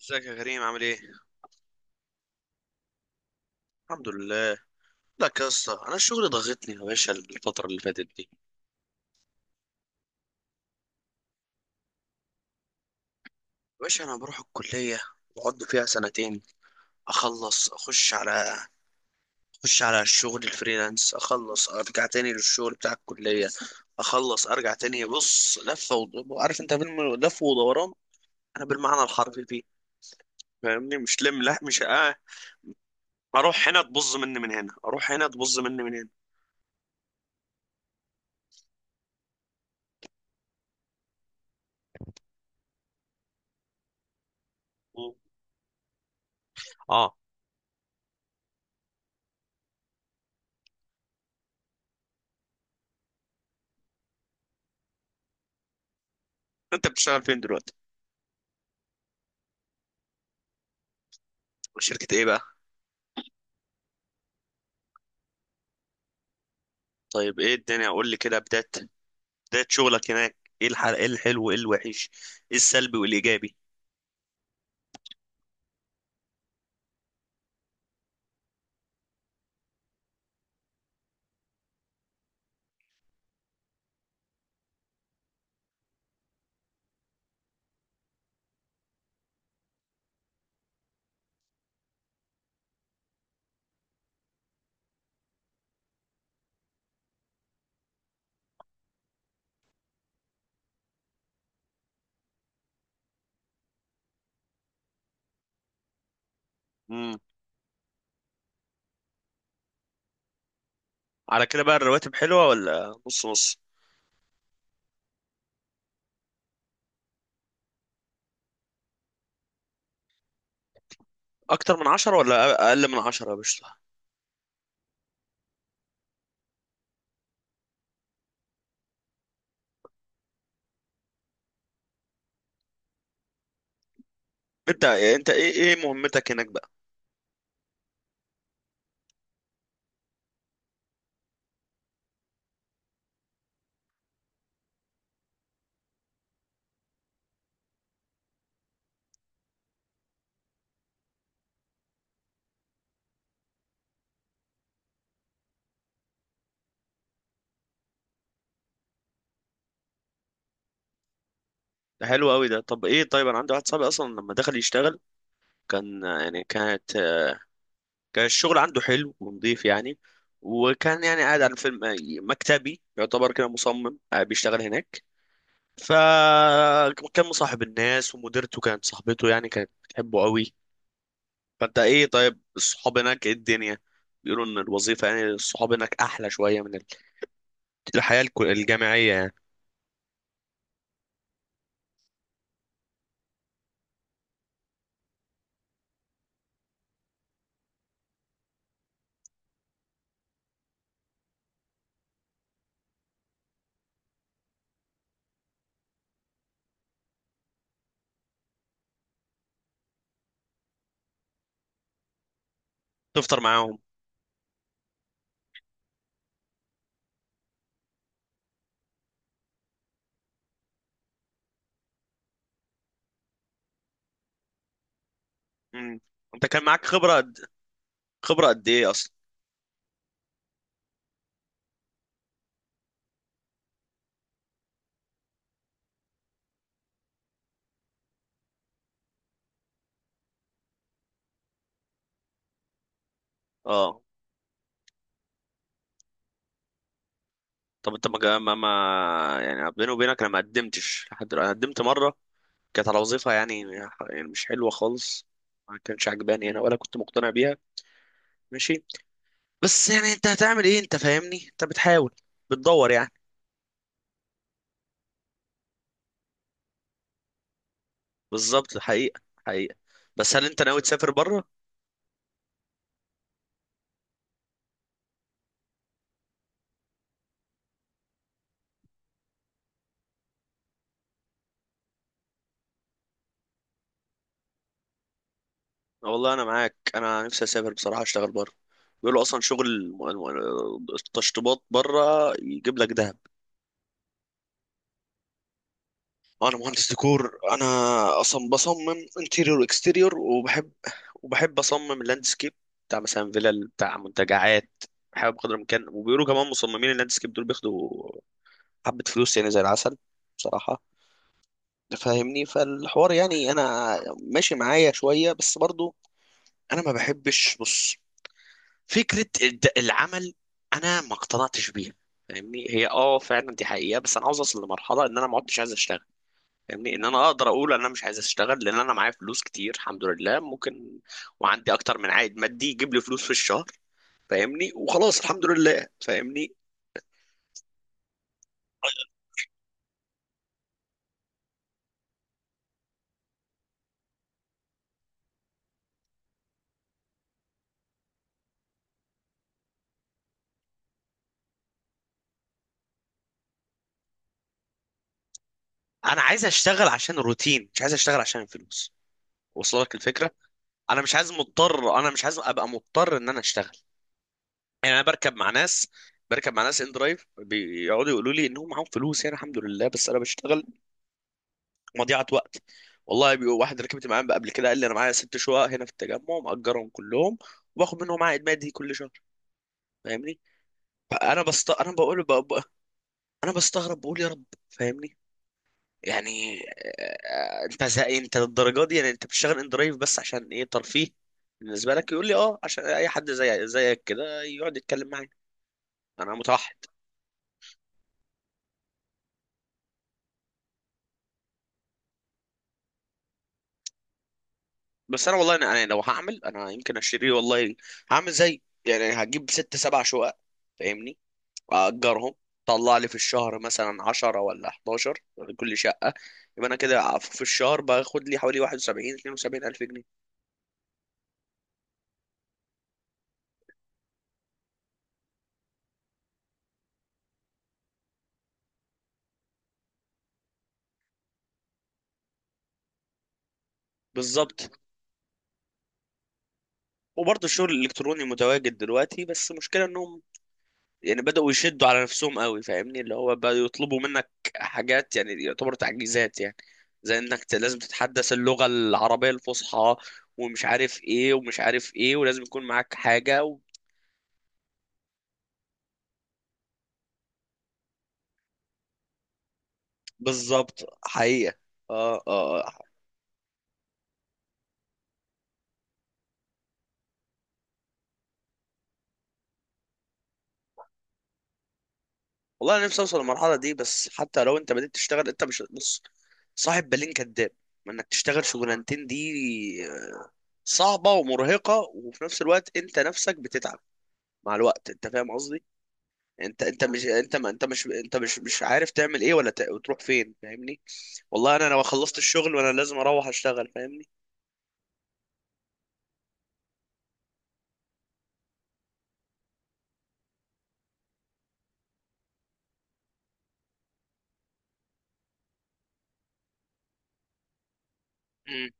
ازيك يا كريم عامل ايه؟ الحمد لله. لك يا اسطى، انا الشغل ضغطني يا باشا الفترة اللي فاتت دي. يا باشا انا بروح الكلية، بقعد فيها سنتين، اخلص اخش على الشغل الفريلانس، اخلص ارجع تاني للشغل بتاع الكلية، اخلص ارجع تاني. بص لفة عارف انت فيلم لف ودوران، انا بالمعنى الحرفي فيه. فاهمني، مش لم لا مش اروح هنا تبظ مني من هنا، اروح هنا تبظ مني من هنا. اه. انت بتشتغل فين دلوقتي؟ شركة ايه بقى؟ طيب ايه الدنيا، قول لي كده بداية بداية شغلك هناك، ايه الحلو وايه الوحش، ايه السلبي والايجابي. امم على كده بقى الرواتب حلوة ولا نص نص؟ اكتر من عشرة ولا اقل من عشرة يا باشا؟ انت ايه مهمتك هناك بقى؟ ده حلو قوي ده. طب ايه، طيب انا عندي واحد صاحبي اصلا لما دخل يشتغل، كان يعني كان الشغل عنده حلو ونظيف يعني، وكان يعني قاعد على فيلم مكتبي، يعتبر كده مصمم، بيشتغل هناك. فكان مصاحب الناس، ومديرته كانت صاحبته يعني، كانت بتحبه قوي. فانت ايه؟ طيب الصحاب هناك، ايه الدنيا؟ بيقولوا ان الوظيفة يعني الصحاب هناك احلى شوية من الحياة الجامعية يعني. تفطر معاهم. مم. انت كان معاك خبرة قد ايه اصلا؟ اه. طب انت ما جا- ما ما- يعني بيني وبينك انا ما قدمتش لحد، انا قدمت مرة، كانت على وظيفة، يعني يعني مش حلوة خالص، ما كانش عجباني انا ولا كنت مقتنع بيها. ماشي، بس يعني انت هتعمل ايه؟ انت فاهمني، انت بتحاول، بتدور يعني. بالظبط. حقيقة حقيقة. بس هل انت ناوي تسافر بره؟ والله انا معاك، انا نفسي اسافر بصراحه، اشتغل بره. بيقولوا اصلا شغل التشطيبات بره يجيب لك دهب. انا مهندس ديكور انا، اصلا بصمم انتيريور واكستيريور، وبحب اصمم اللاندسكيب بتاع مثلا فيلل، بتاع منتجعات، بحاول بقدر الامكان. وبيقولوا كمان مصممين اللاندسكيب دول بياخدوا حبه فلوس يعني، زي العسل بصراحه. تفهمني، فالحوار يعني انا ماشي معايا شويه، بس برضو انا ما بحبش، بص، فكرة العمل أنا ما اقتنعتش بيها. فاهمني، هي اه فعلا دي حقيقة، بس أنا عاوز أوصل لمرحلة إن أنا ما عدتش عايز أشتغل. فاهمني، إن أنا أقدر أقول ان أنا مش عايز أشتغل لأن أنا معايا فلوس كتير الحمد لله، ممكن. وعندي أكتر من عائد مادي يجيب لي فلوس في الشهر، فاهمني، وخلاص الحمد لله. فاهمني، أنا عايز أشتغل عشان الروتين، مش عايز أشتغل عشان الفلوس. وصل لك الفكرة؟ أنا مش عايز أبقى مضطر إن أنا أشتغل. يعني انا بركب مع ناس، بركب مع ناس ان درايف بيقعدوا يقولوا لي انهم معاهم فلوس، يعني الحمد لله، بس انا بشتغل. مضيعه وقت. والله واحد ركبت معاه قبل كده قال لي انا معايا ست شقق هنا في التجمع، مأجرهم كلهم، وباخد منهم عائد مادي كل شهر. فاهمني، فانا بست انا بقول ب... ب... انا بستغرب، بقول يا رب. فاهمني يعني، انت زي للدرجه دي يعني؟ انت بتشتغل ان درايف بس عشان ايه، ترفيه بالنسبه لك؟ يقول لي اه عشان اي حد زي زيك كده يقعد يتكلم معايا، انا متوحد. بس انا والله انا لو هعمل انا يمكن اشتري، والله هعمل زي يعني، هجيب ست سبع شقق، فاهمني، واجرهم طلع لي في الشهر مثلا 10 ولا 11 كل شقه، يبقى انا كده في الشهر باخد لي حوالي 71 72 الف جنيه. بالظبط. وبرضه الشغل الالكتروني متواجد دلوقتي، بس المشكله انهم يعني بدأوا يشدوا على نفسهم قوي، فاهمني، اللي هو بدأوا يطلبوا منك حاجات يعني يعتبر تعجيزات يعني، زي انك لازم تتحدث اللغة العربية الفصحى، ومش عارف ايه ومش عارف ايه، ولازم يكون معاك حاجة بالظبط. حقيقة. اه اه والله انا نفسي اوصل للمرحلة دي، بس حتى لو انت بدأت تشتغل انت مش، بص، صاحب بالين كداب، ما انك تشتغل شغلانتين دي صعبة ومرهقة، وفي نفس الوقت انت نفسك بتتعب مع الوقت، انت فاهم قصدي. انت انت مش انت ما انت مش انت مش مش عارف تعمل ايه وتروح فين، فاهمني. والله انا لو خلصت الشغل وانا لازم اروح اشتغل، فاهمني. امم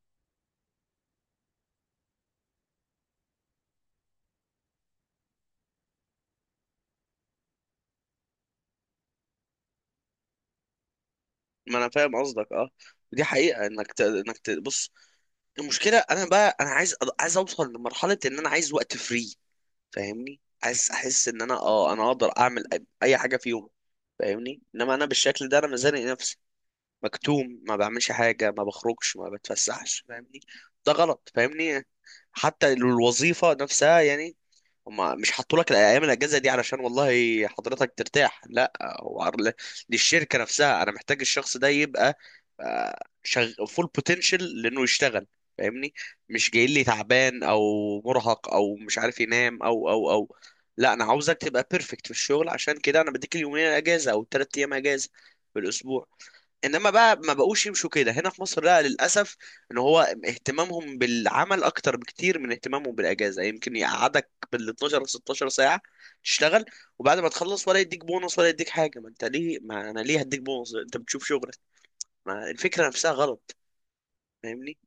ما انا فاهم قصدك اه. ودي حقيقة بص، المشكلة انا بقى انا عايز عايز اوصل لمرحلة ان انا عايز وقت فري، فاهمني، عايز احس ان انا اه انا اقدر اعمل أي حاجة في يوم. فاهمني، انما انا بالشكل ده انا مزنق نفسي، مكتوم، ما بعملش حاجة، ما بخرجش، ما بتفسحش، فاهمني، ده غلط. فاهمني، حتى الوظيفة نفسها يعني، هما مش حطوا لك الايام الاجازه دي علشان والله حضرتك ترتاح، لا، هو عر- للشركه نفسها انا محتاج الشخص ده يبقى فول بوتنشال لانه يشتغل، فاهمني، مش جاي لي تعبان او مرهق او مش عارف ينام او لا، انا عاوزك تبقى بيرفكت في الشغل، عشان كده انا بديك اليومين اجازه او الثلاث ايام اجازه في الاسبوع. انما بقى ما بقوش يمشوا كده هنا في مصر، لا للاسف، ان هو اهتمامهم بالعمل اكتر بكتير من اهتمامهم بالاجازه، يمكن يقعدك بال 12 16 ساعه تشتغل، وبعد ما تخلص ولا يديك بونص ولا يديك حاجه. ما انت ليه، ما انا ليه هديك بونص، انت بتشوف شغلك. ما الفكره نفسها غلط، فاهمني.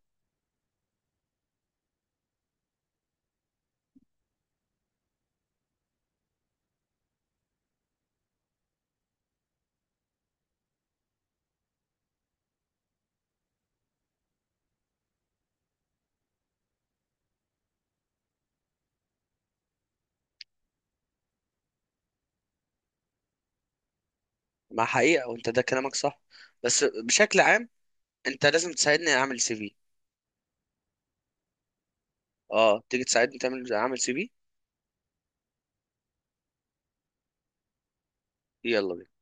ما حقيقه، وانت ده كلامك صح، بس بشكل عام انت لازم تساعدني اعمل سي في. اه تيجي تساعدني اعمل سي في. يلا بينا.